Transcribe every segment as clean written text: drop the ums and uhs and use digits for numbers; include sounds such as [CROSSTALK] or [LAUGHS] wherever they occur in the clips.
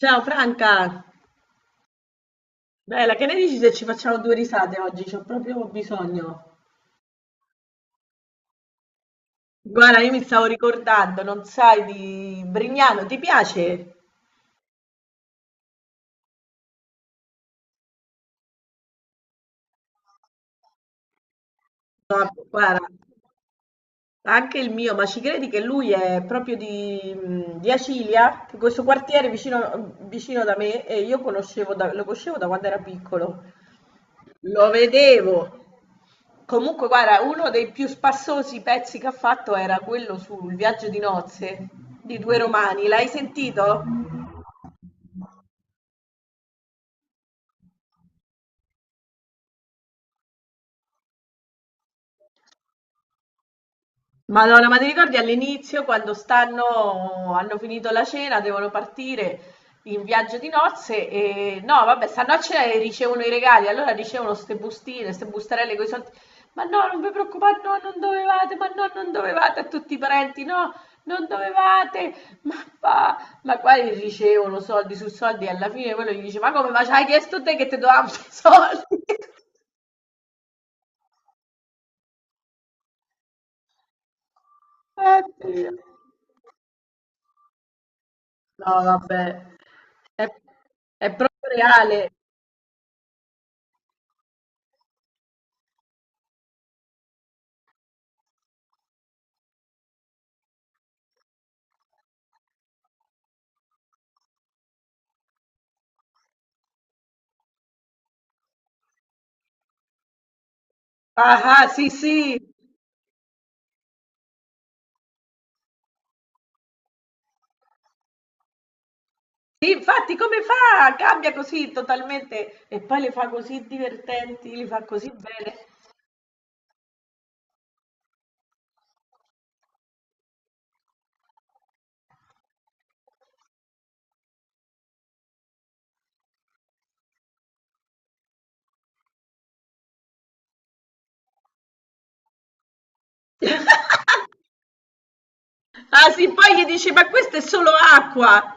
Ciao Franca, bella, che ne dici se ci facciamo due risate oggi? C'ho proprio bisogno. Guarda, io mi stavo ricordando, non sai, di Brignano, ti piace? No, guarda, anche il mio, ma ci credi che lui è proprio di Acilia, che questo quartiere vicino, vicino da me, e io conoscevo lo conoscevo da quando era piccolo. Lo vedevo. Comunque, guarda, uno dei più spassosi pezzi che ha fatto era quello sul viaggio di nozze di due romani. L'hai sentito? Madonna, ma ti ricordi all'inizio quando stanno, hanno finito la cena, devono partire in viaggio di nozze e no, vabbè, stanno a cena e ricevono i regali, allora ricevono ste bustine, ste bustarelle con i soldi. Ma no, non vi preoccupate, no, non dovevate, ma no, non dovevate a tutti i parenti, no, non dovevate, ma va, ma qua gli ricevono soldi su soldi e alla fine quello gli dice, ma come, ma ci hai chiesto te che ti dovevamo i soldi? [LAUGHS] Dio. No, vabbè, è, è proprio reale. Ah, ah, sì, sì. Sì, infatti, come fa? Cambia così totalmente e poi le fa così divertenti, li fa così bene. Ah, sì, poi gli dici, ma questa è solo acqua.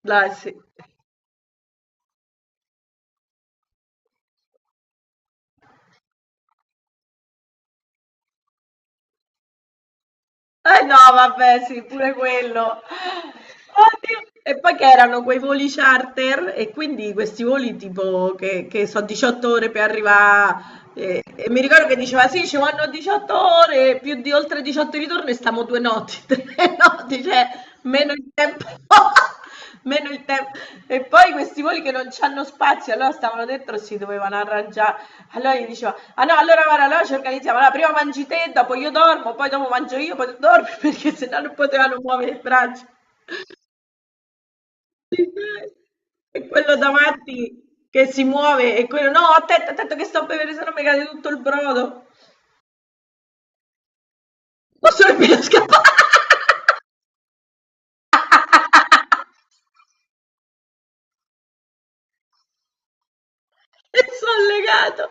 Dai, sì. Eh no, vabbè, sì, pure quello. Oddio. E poi che erano quei voli charter e quindi questi voli tipo che sono 18 ore per arrivare e mi ricordo che diceva sì, ci vanno 18 ore, più di oltre 18 ritorno e stiamo due notti, [LAUGHS] tre notti, cioè meno il tempo. [LAUGHS] Meno il tem e poi questi voli che non c'hanno spazio, allora stavano dentro e si dovevano arrangiare. Allora gli diceva: "Ah no, allora guarda, allora ci organizziamo, allora prima mangi te, dopo io dormo, poi dopo mangio io, poi tu dormi", [LAUGHS] perché sennò non potevano muovere il braccio. E quello davanti che si muove e quello: "No, attento, attento che sto a bevere, se no mi cade tutto il brodo". Ma sarebbe scappare, [LAUGHS] son legato.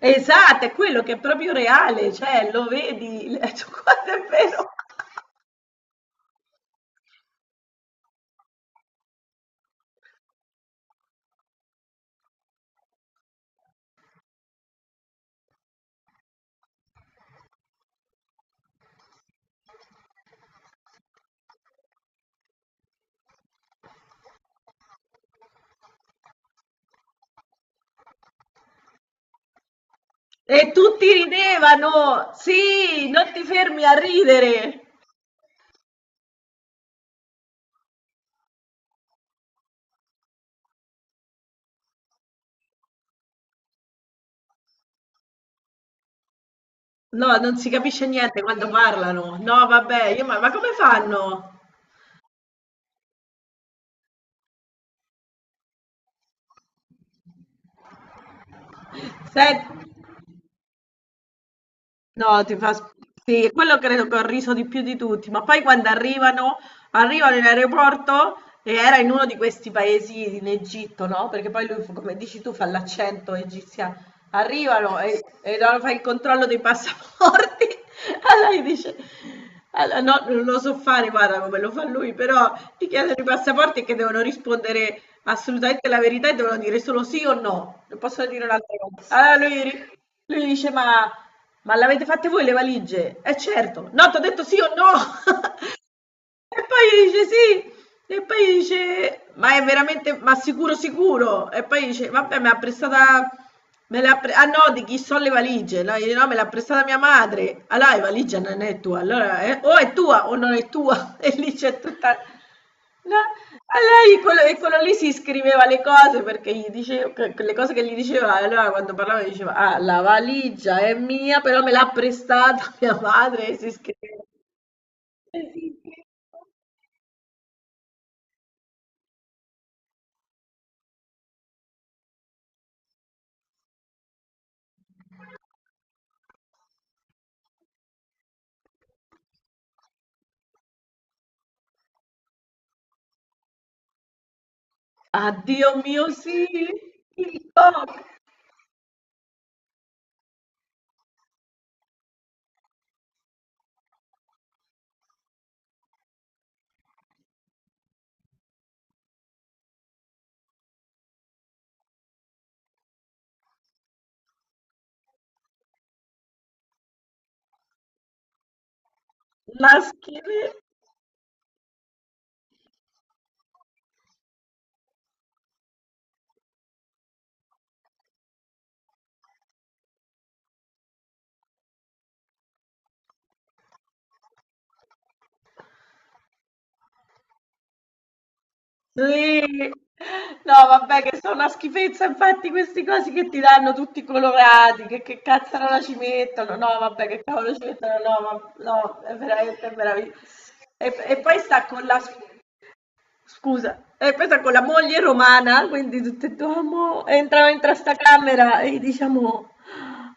Esatto, è quello che è proprio reale, cioè lo vedi, [LAUGHS] l guarda è vero. E tutti ridevano! Sì, non ti fermi a ridere! No, non si capisce niente quando parlano. No, vabbè, io ma come fanno? Se- no, ti fa... Sì, quello credo che ho riso di più di tutti, ma poi quando arrivano, arrivano in aeroporto e era in uno di questi paesi in Egitto, no? Perché poi lui, come dici tu, fa l'accento egiziano. Arrivano e no, fa il controllo dei passaporti. [LAUGHS] Allora gli dice, allora, no, non lo so fare, guarda come lo fa lui, però ti chiedono i passaporti che devono rispondere assolutamente la verità e devono dire solo sì o no, non possono dire un'altra cosa. Allora lui dice, ma l'avete fatte voi le valigie? Eh certo, no, ti ho detto sì o no. [LAUGHS] E poi dice sì, e poi dice, ma è veramente, ma sicuro sicuro? E poi dice, vabbè, me l'ha prestata, ah no, di chi sono le valigie? No, dice, no, me l'ha prestata mia madre. Allora, la valigia non è tua, allora o è tua o non è tua. [LAUGHS] E lì c'è tutta... No? Allora, quello, e quello lì si scriveva le cose perché gli dicevo, quelle cose che gli diceva, allora quando parlava diceva, ah, la valigia è mia, però me l'ha prestata [LAUGHS] mia madre, e si scriveva. E si Addio mio sì, il pop, la schifezza, sì. No, vabbè che sono una schifezza, infatti questi cosi che ti danno tutti colorati, che cazzaro la ci mettono, no, vabbè che cavolo ci mettono, no, ma, no, è veramente meraviglioso. E poi sta con la, scusa, e poi sta con la moglie romana, quindi tutte e due, "Amo", entrano in sta camera e diciamo,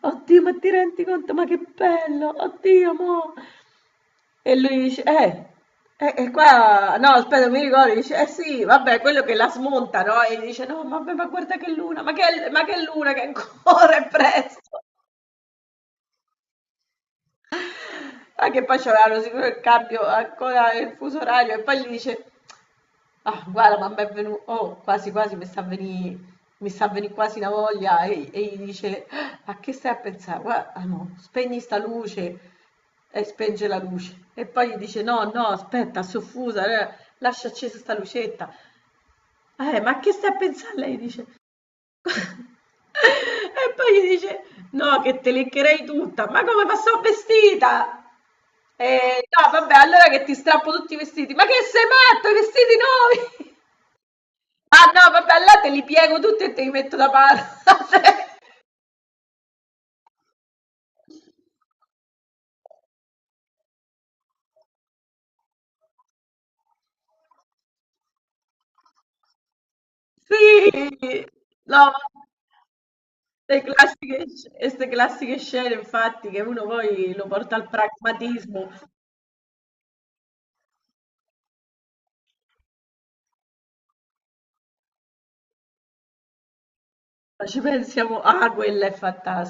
oddio, ma ti rendi conto, ma che bello, oddio, mo'. E lui dice, qua, no, aspetta, mi ricordo, dice, eh sì, vabbè, quello che la smonta, no? E dice, no, vabbè, ma guarda che luna, ma che luna, che ancora è presto. Ma che poi c'avevano sicuro il cambio, ancora il fuso orario, e poi gli dice, ah, guarda, ma mi è venuto, oh, quasi quasi mi sta a venì quasi una voglia e gli dice, "Ah, a che stai a pensare? Guarda, ah, no, spegni sta luce e spenge la luce. E poi gli dice, no, no, aspetta, soffusa, lascia accesa sta lucetta. Ma a che stai a pensare? Lei dice, [LAUGHS] e poi gli dice, no, che te leccherei tutta, ma come, ma sono vestita? E, no, vabbè, allora che ti strappo tutti i vestiti, ma che sei matto, i vestiti nuovi? [LAUGHS] Ah no, vabbè, là te li piego tutti e te li metto da parte. [LAUGHS] Sì, no, queste classiche scene, infatti, che uno poi lo porta al pragmatismo, ma ci pensiamo, ah, quella è fantastica.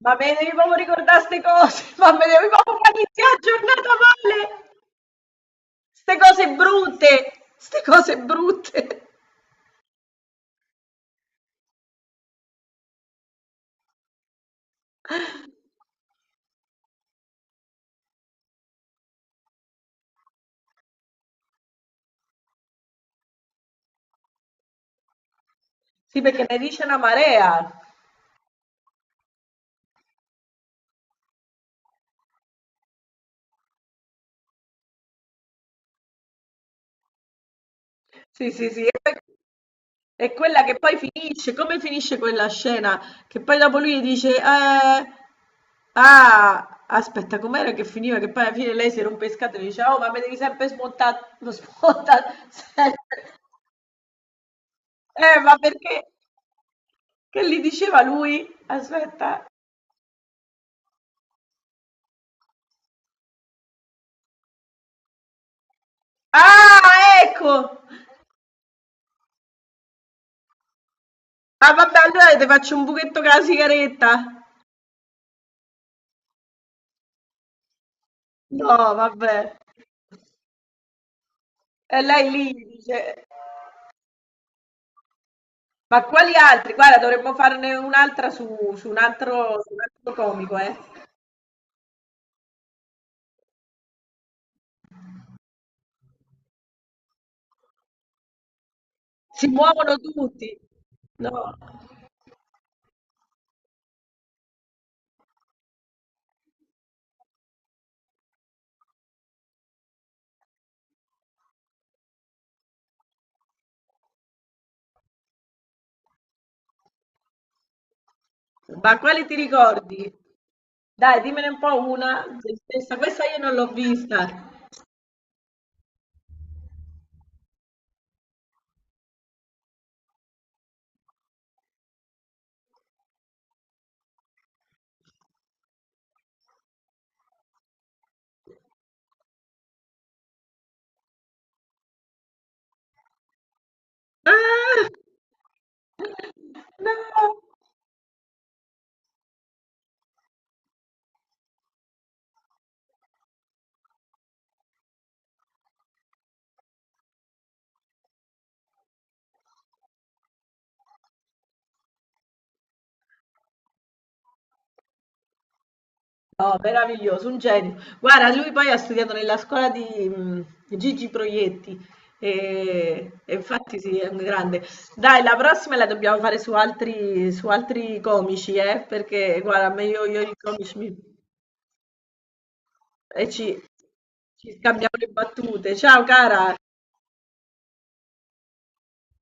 Ma me devi proprio ricordare queste cose, [LAUGHS] ma me devi proprio far iniziare la giornata male, queste cose brutte, queste cose brutte. Sì, perché ne dice una marea. Sì, sì, sì. È quella che poi finisce, come finisce quella scena? Che poi dopo lui dice, ah, aspetta, com'era che finiva? Che poi alla fine lei si rompe le scatole e dice, oh, ma mi devi sempre smontare, [LAUGHS] lo smonta sempre. Ma perché? Che gli diceva lui? Aspetta. Ah, ecco! Ah, vabbè, allora ti faccio un buchetto con la sigaretta. No, vabbè. E lei lì dice, ma quali altri? Guarda, dovremmo farne un'altra su un altro comico, eh. Si muovono tutti. No, ma quale ti ricordi? Dai, dimmene un po' una te stessa. Questa io non l'ho vista. Ah, no! No, meraviglioso, un genio. Guarda, lui poi ha studiato nella scuola di Gigi Proietti e infatti sì, è un grande. Dai, la prossima la dobbiamo fare su altri comici, eh? Perché guarda, a me io i comici e ci scambiamo le battute. Ciao cara!